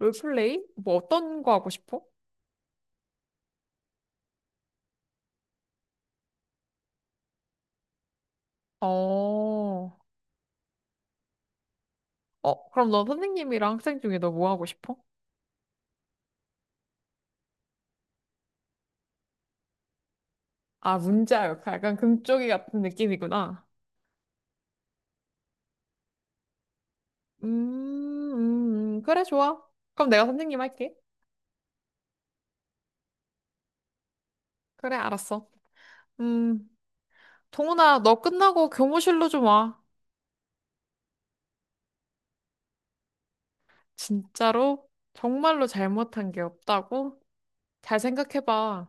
롤플레이? 뭐 어떤 거 하고 싶어? 어, 그럼 넌 선생님이랑 학생 중에 너 뭐 하고 싶어? 아, 문자 역할. 약간 금쪽이 같은 느낌이구나. 음, 그래, 좋아. 그럼 내가 선생님 할게. 그래, 알았어. 음, 동훈아, 너 끝나고 교무실로 좀 와. 진짜로? 정말로 잘못한 게 없다고? 잘 생각해봐.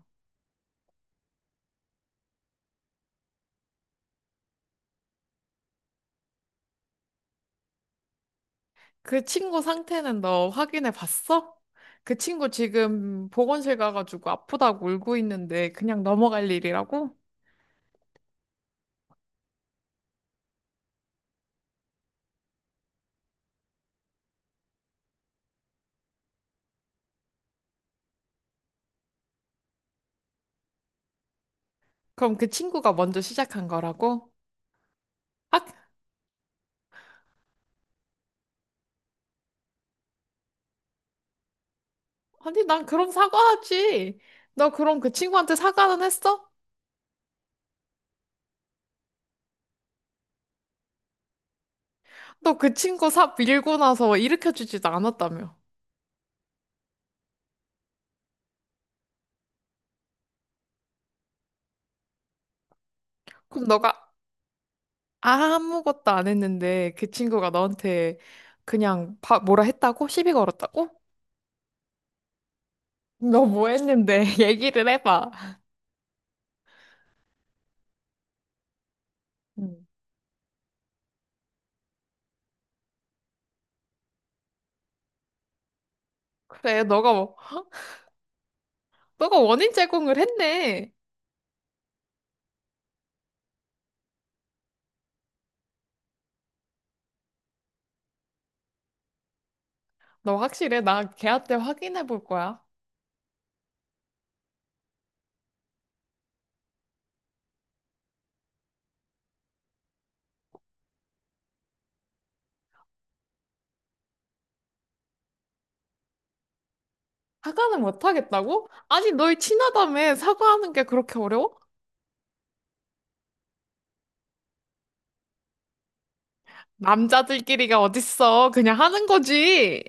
그 친구 상태는 너 확인해 봤어? 그 친구 지금 보건실 가가지고 아프다고 울고 있는데 그냥 넘어갈 일이라고? 그럼 그 친구가 먼저 시작한 거라고? 아, 아니, 난 그럼 사과하지. 너 그럼 그 친구한테 사과는 했어? 너 그 친구 사 밀고 나서 일으켜주지도 않았다며. 그럼 너가 아무것도 안 했는데 그 친구가 너한테 그냥 바, 뭐라 했다고? 시비 걸었다고? 너 뭐 했는데 얘기를 해봐. 음. 그래, 너가 뭐 너가 원인 제공을 했네. 너 확실해? 나 걔한테 확인해 볼 거야. 사과는 못 하겠다고? 아니, 너희 친하다며 사과하는 게 그렇게 어려워? 남자들끼리가 어딨어. 그냥 하는 거지.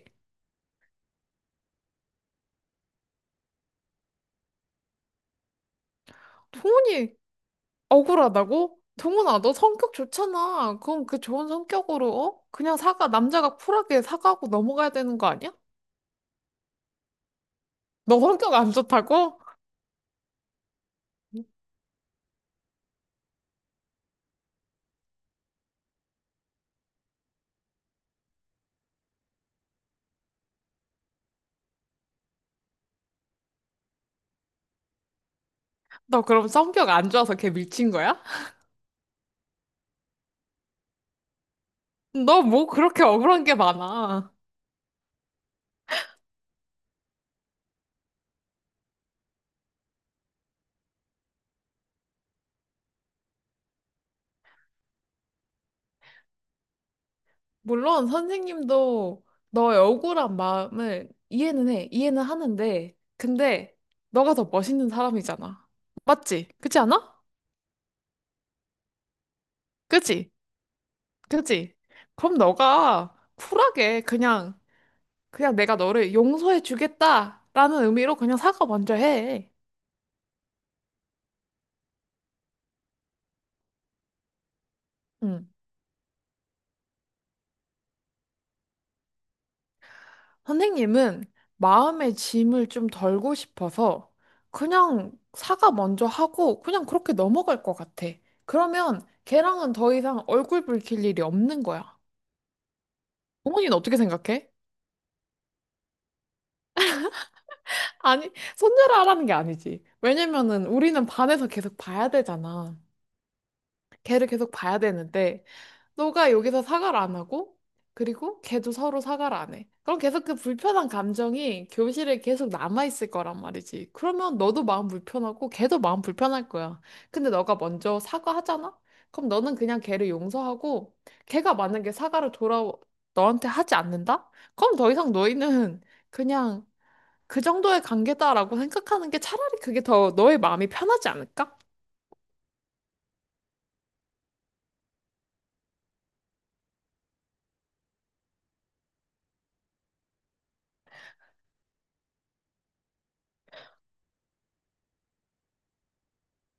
동훈이 억울하다고? 동훈아, 너 성격 좋잖아. 그럼 그 좋은 성격으로, 어? 그냥 사과, 남자가 쿨하게 사과하고 넘어가야 되는 거 아니야? 너 성격 안 좋다고? 너 그럼 성격 안 좋아서 걔 밀친 거야? 너 뭐 그렇게 억울한 게 많아. 물론 선생님도 너의 억울한 마음을 이해는 해. 이해는 하는데. 근데 너가 더 멋있는 사람이잖아. 맞지? 그렇지 않아? 그치? 그치? 그럼 너가 쿨하게 그냥 내가 너를 용서해 주겠다라는 의미로 그냥 사과 먼저 해. 응. 선생님은 마음의 짐을 좀 덜고 싶어서 그냥 사과 먼저 하고 그냥 그렇게 넘어갈 것 같아. 그러면 걔랑은 더 이상 얼굴 붉힐 일이 없는 거야. 어머니는 어떻게 생각해? 아니, 손절하라는 게 아니지. 왜냐면은 우리는 반에서 계속 봐야 되잖아. 걔를 계속 봐야 되는데 너가 여기서 사과를 안 하고, 그리고 걔도 서로 사과를 안 해. 그럼 계속 그 불편한 감정이 교실에 계속 남아있을 거란 말이지. 그러면 너도 마음 불편하고, 걔도 마음 불편할 거야. 근데 너가 먼저 사과하잖아? 그럼 너는 그냥 걔를 용서하고, 걔가 만약에 사과를 돌아, 너한테 하지 않는다? 그럼 더 이상 너희는 그냥 그 정도의 관계다라고 생각하는 게 차라리 그게 더 너의 마음이 편하지 않을까?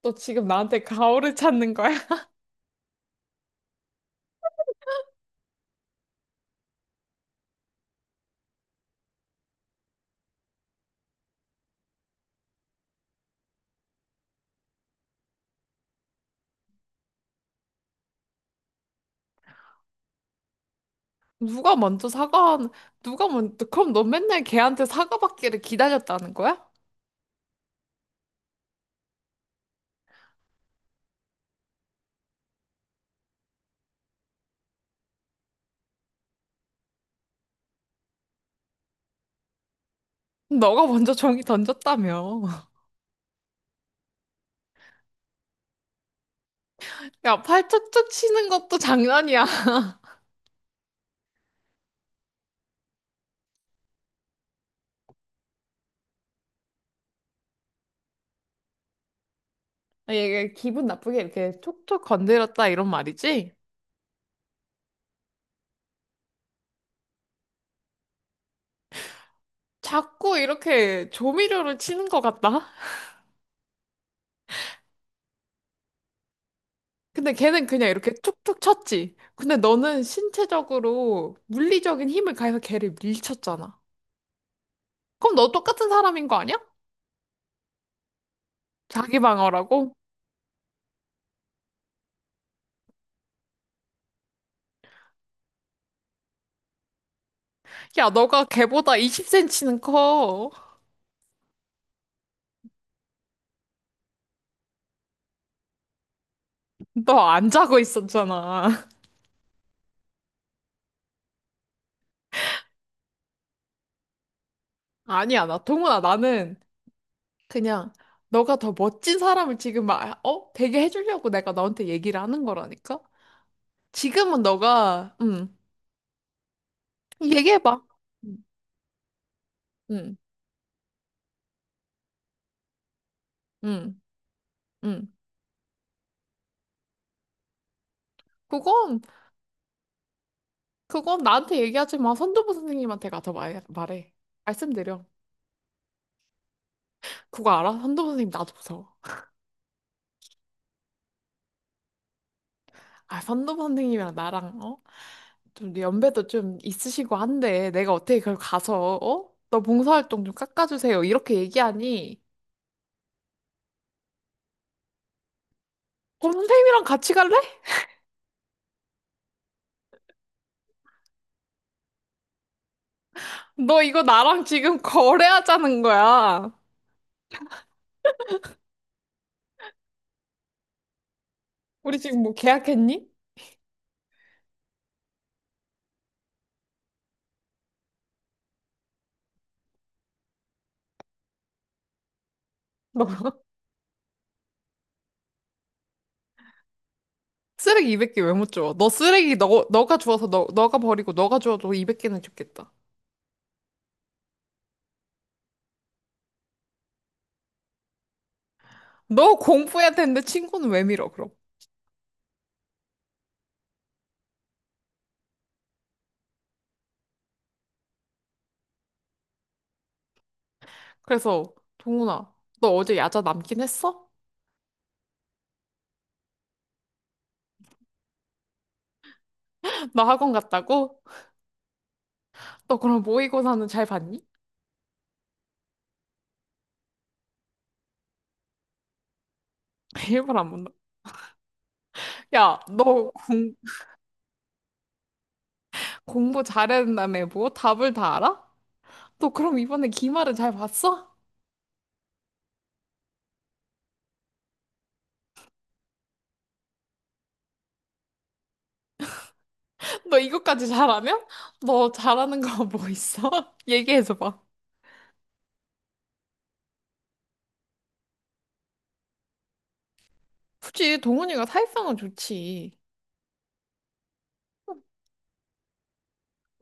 너 지금 나한테 가오를 찾는 거야? 누가 먼저 사과, 누가 먼저, 그럼 너 맨날 걔한테 사과 받기를 기다렸다는 거야? 너가 먼저 종이 던졌다며. 야, 팔 척척 치는 것도 장난이야. 아, 얘 기분 나쁘게 이렇게 촉촉 건드렸다 이런 말이지? 자꾸 이렇게 조미료를 치는 것 같다? 근데 걔는 그냥 이렇게 툭툭 쳤지. 근데 너는 신체적으로 물리적인 힘을 가해서 걔를 밀쳤잖아. 그럼 너 똑같은 사람인 거 아니야? 자기 방어라고? 야, 너가 걔보다 20cm는 커. 너 안 자고 있었잖아. 아니야, 나 동훈아, 나는 그냥 너가 더 멋진 사람을 지금 막, 어? 되게 해주려고 내가 너한테 얘기를 하는 거라니까? 지금은 너가, 응, 얘기해봐. 응, 응, 응. 응. 그건, 그건 나한테 얘기하지 마. 선도부 선생님한테 가서 말, 말해. 말씀드려. 그거 알아? 선도부 선생님 나도 무서워. 아, 선도부 선생님이랑 나랑, 어? 좀 연배도 좀 있으시고 한데 내가 어떻게 그걸 가서 어? 너 봉사활동 좀 깎아주세요. 이렇게 얘기하니 어, 선생님이랑 같이 갈래? 너 이거 나랑 지금 거래하자는 거야. 우리 지금 뭐 계약했니? 너 쓰레기 200개 왜 못 줘? 너 쓰레기 너 너가 주워서 너 너가 버리고 너가 주워도 200개는 줬겠다. 너 공부해야 되는데 친구는 왜 밀어 그럼? 그래서 동훈아 너 어제 야자 남긴 했어? 너 학원 갔다고? 너 그럼 모의고사는 잘 봤니? 일부러 안 본다. 야, 너 공, 공부 잘했다며 뭐 답을 다 알아? 너 그럼 이번에 기말은 잘 봤어? 너 이것까지 잘하면? 너 잘하는 거 뭐 있어? 얘기해줘봐. 굳이 동훈이가 사회성은 좋지.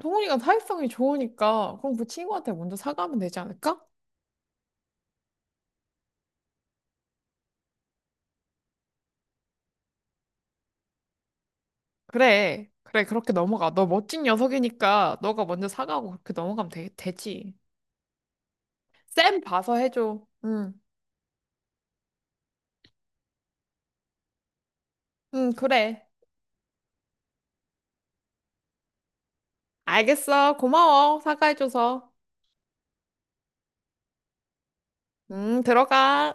동훈이가 사회성이 좋으니까 그럼 그 친구한테 먼저 사과하면 되지 않을까? 그래, 그래 그렇게 넘어가. 너 멋진 녀석이니까 너가 먼저 사과하고 그렇게 넘어가면 되, 되지. 쌤 봐서 해줘. 응, 응 그래. 알겠어. 고마워. 사과해줘서. 들어가.